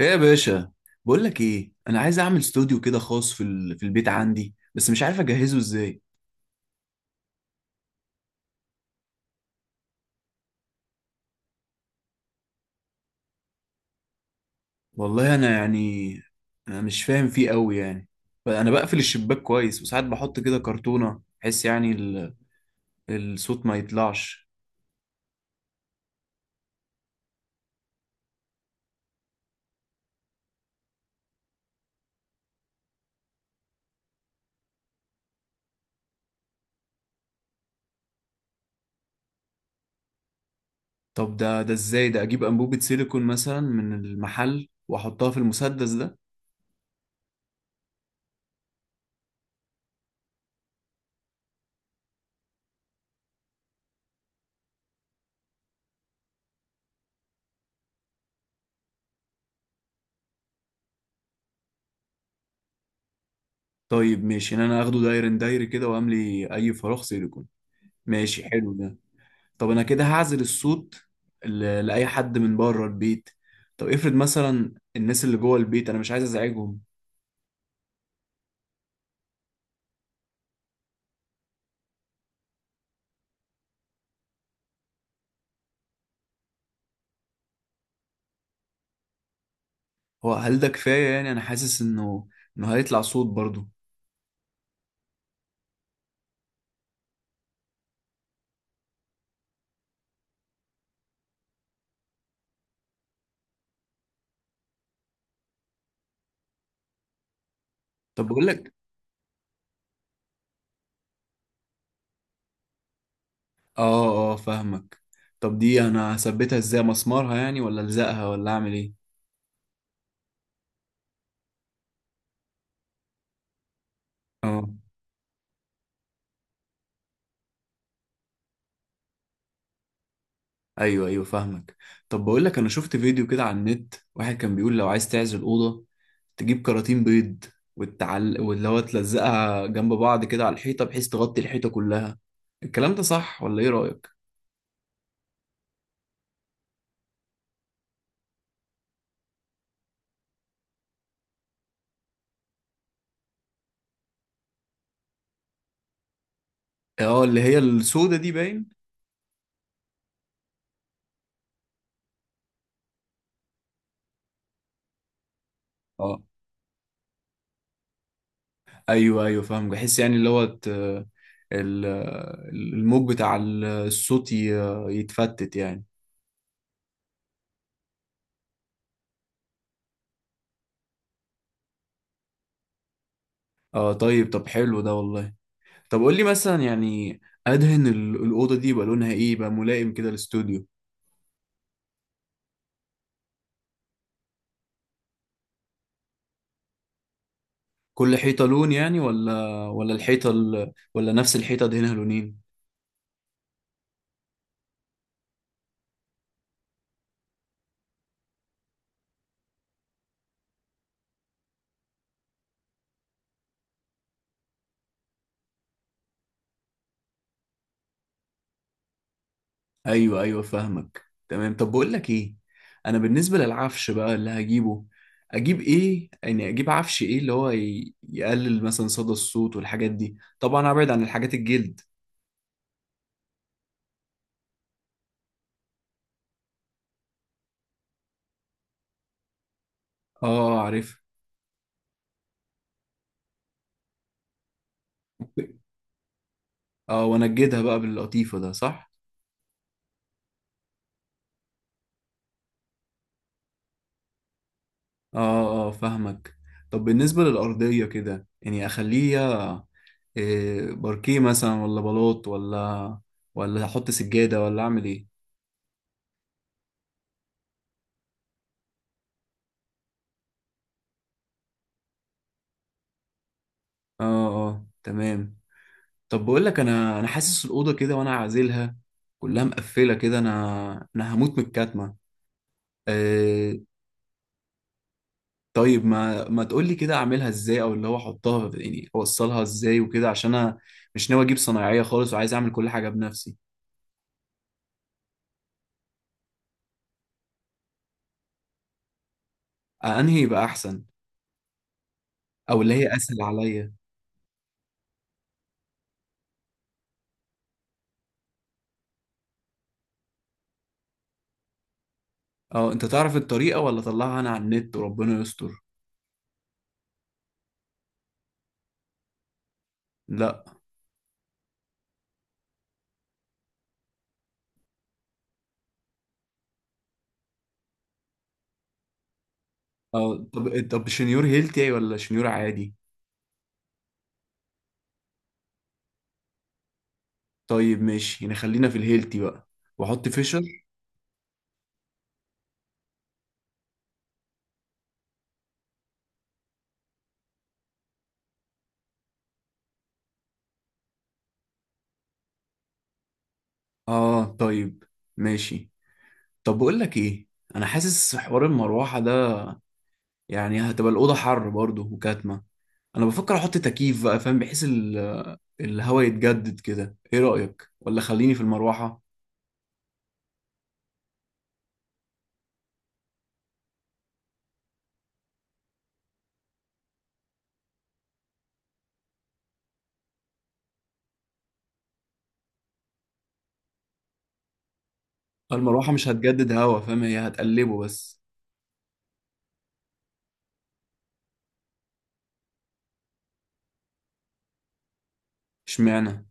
ايه يا باشا؟ بقول لك ايه، انا عايز اعمل استوديو كده خاص في البيت عندي، بس مش عارف اجهزه ازاي. والله انا يعني، انا مش فاهم فيه قوي يعني. انا بقفل الشباك كويس، وساعات بحط كده كرتونة بحيث يعني الصوت ما يطلعش. طب ده ازاي؟ ده اجيب انبوبة سيليكون مثلا من المحل واحطها في المسدس ده؟ طيب ماشي، ان انا اخده داير داير كده واملي اي فراغ سيليكون. ماشي، حلو ده. طب انا كده هعزل الصوت لاي حد من بره البيت. طب افرض مثلا الناس اللي جوه البيت انا مش عايز ازعجهم. هو هل ده كفايه؟ يعني انا حاسس انه هيطلع صوت برضو. طب بقول لك. اه، اه، فاهمك. طب دي انا هثبتها ازاي؟ مسمارها يعني، ولا الزقها، ولا اعمل ايه؟ اه، ايوه، ايوه، فاهمك. طب بقول لك، انا شفت فيديو كده على النت، واحد كان بيقول لو عايز تعزل اوضه تجيب كراتين بيض، واللي هو تلزقها جنب بعض كده على الحيطه بحيث تغطي الحيطه كلها. الكلام ده صح، ولا ايه رايك؟ اه، اللي هي السودة دي، باين. اه، ايوه، ايوه، فاهم. بحس يعني اللي هو ال- الموج بتاع الصوت يتفتت يعني. اه، طيب. حلو ده والله. طب قول لي مثلا يعني، ادهن الاوضه دي يبقى لونها ايه يبقى ملائم كده للاستوديو؟ كل حيطة لون يعني، ولا الحيطة ولا نفس الحيطة دهنها لونين؟ ايوه، ايوه، فاهمك تمام. طب بقول لك ايه، انا بالنسبة للعفش بقى اللي هجيبه، اجيب ايه يعني؟ اجيب عفش ايه اللي هو يقلل مثلا صدى الصوت والحاجات دي؟ طبعا ابعد عن الحاجات الجلد. اه، عارف. اه، وانجدها بقى باللطيفة، ده صح؟ اه، اه، فاهمك. طب بالنسبة للأرضية كده، يعني اخليها إيه؟ باركيه مثلا، ولا بلاط، ولا احط سجادة، ولا اعمل ايه؟ اه، اه، تمام. طب بقول لك، انا حاسس الأوضة كده وانا عازلها كلها مقفلة كده، انا هموت من الكتمة. إيه؟ طيب، ما تقول لي كده اعملها ازاي، او اللي هو احطها يعني، اوصلها ازاي وكده، عشان انا مش ناوي اجيب صنايعية خالص وعايز اعمل كل حاجة بنفسي. انهي يبقى احسن؟ او اللي هي اسهل عليا؟ اه، انت تعرف الطريقة، ولا اطلعها انا على النت وربنا يستر؟ لا. اه. طب شنيور هيلتي ولا شنيور عادي؟ طيب، ماشي يعني، خلينا في الهيلتي بقى، واحط فيشر. اه، طيب، ماشي. طب بقول لك ايه، انا حاسس حوار المروحه ده يعني هتبقى الاوضه حر برضه وكاتمه. انا بفكر احط تكييف بقى، فاهم؟ بحيث الهواء يتجدد كده. ايه رايك؟ ولا خليني في المروحه؟ المروحه مش هتجدد هوا، فاهم؟ هي هتقلبه بس. اشمعنى؟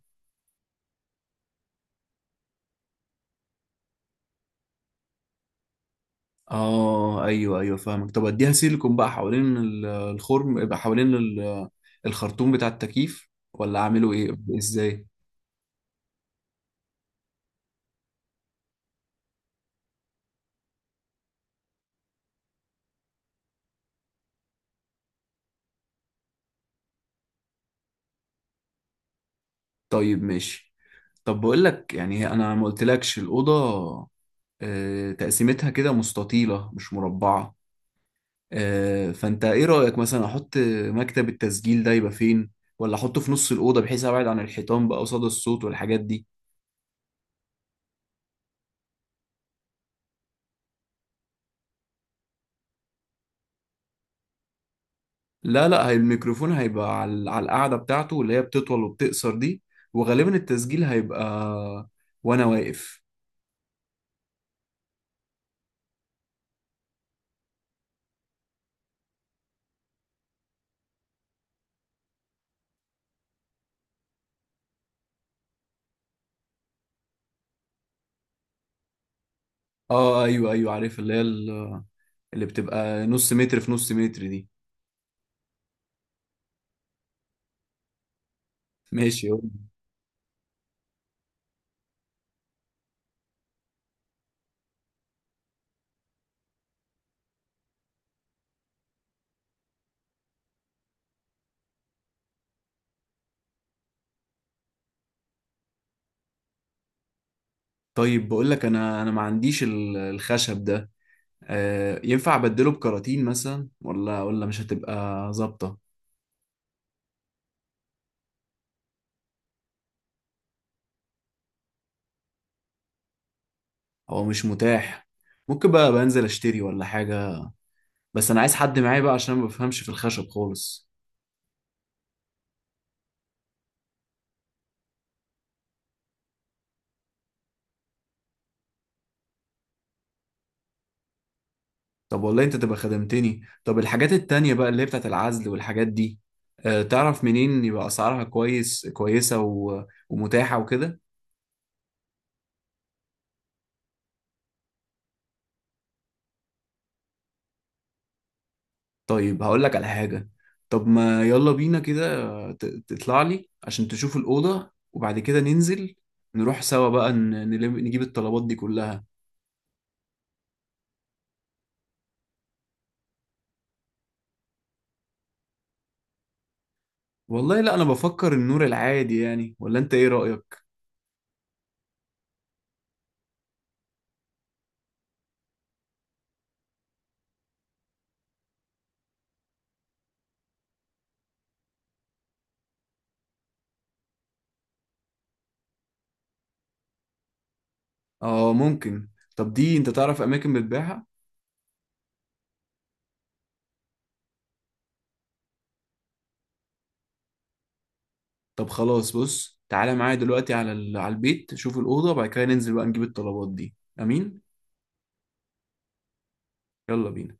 اه، ايوه، ايوه، فاهمك. طب اديها سيليكون بقى حوالين الخرم يبقى حوالين الخرطوم بتاع التكييف، ولا اعمله ايه؟ ازاي؟ طيب، ماشي. طب بقول لك يعني، انا ما قلتلكش الاوضه تقسيمتها كده مستطيله مش مربعه. فانت ايه رايك مثلا احط مكتب التسجيل ده يبقى فين؟ ولا احطه في نص الاوضه بحيث ابعد عن الحيطان بقى قصاد الصوت والحاجات دي؟ لا، لا، هي الميكروفون هيبقى على القاعدة بتاعته اللي هي بتطول وبتقصر دي، وغالبا التسجيل هيبقى وانا واقف. اه، ايوه، ايوه، عارف اللي هي اللي بتبقى نص متر في نص متر دي. ماشي، يلا. طيب بقول لك، انا ما عنديش الخشب ده. آه، ينفع ابدله بكراتين مثلا؟ ولا مش هتبقى ظابطة؟ هو مش متاح، ممكن بقى بنزل اشتري ولا حاجة، بس انا عايز حد معايا بقى عشان ما بفهمش في الخشب خالص. طب والله انت تبقى خدمتني. طب الحاجات التانية بقى اللي هي بتاعت العزل والحاجات دي، تعرف منين يبقى اسعارها كويسة ومتاحة وكده؟ طيب، هقول لك على حاجة. طب ما يلا بينا كده، تطلع لي عشان تشوف الأوضة، وبعد كده ننزل نروح سوا بقى، نجيب الطلبات دي كلها. والله لا، انا بفكر النور العادي يعني. ولا انت ايه رأيك؟ اه، ممكن. طب دي انت تعرف اماكن بتبيعها؟ طب خلاص، بص تعالى معايا دلوقتي على على البيت، شوف الأوضة وبعد كده ننزل بقى نجيب الطلبات دي. أمين. يلا بينا.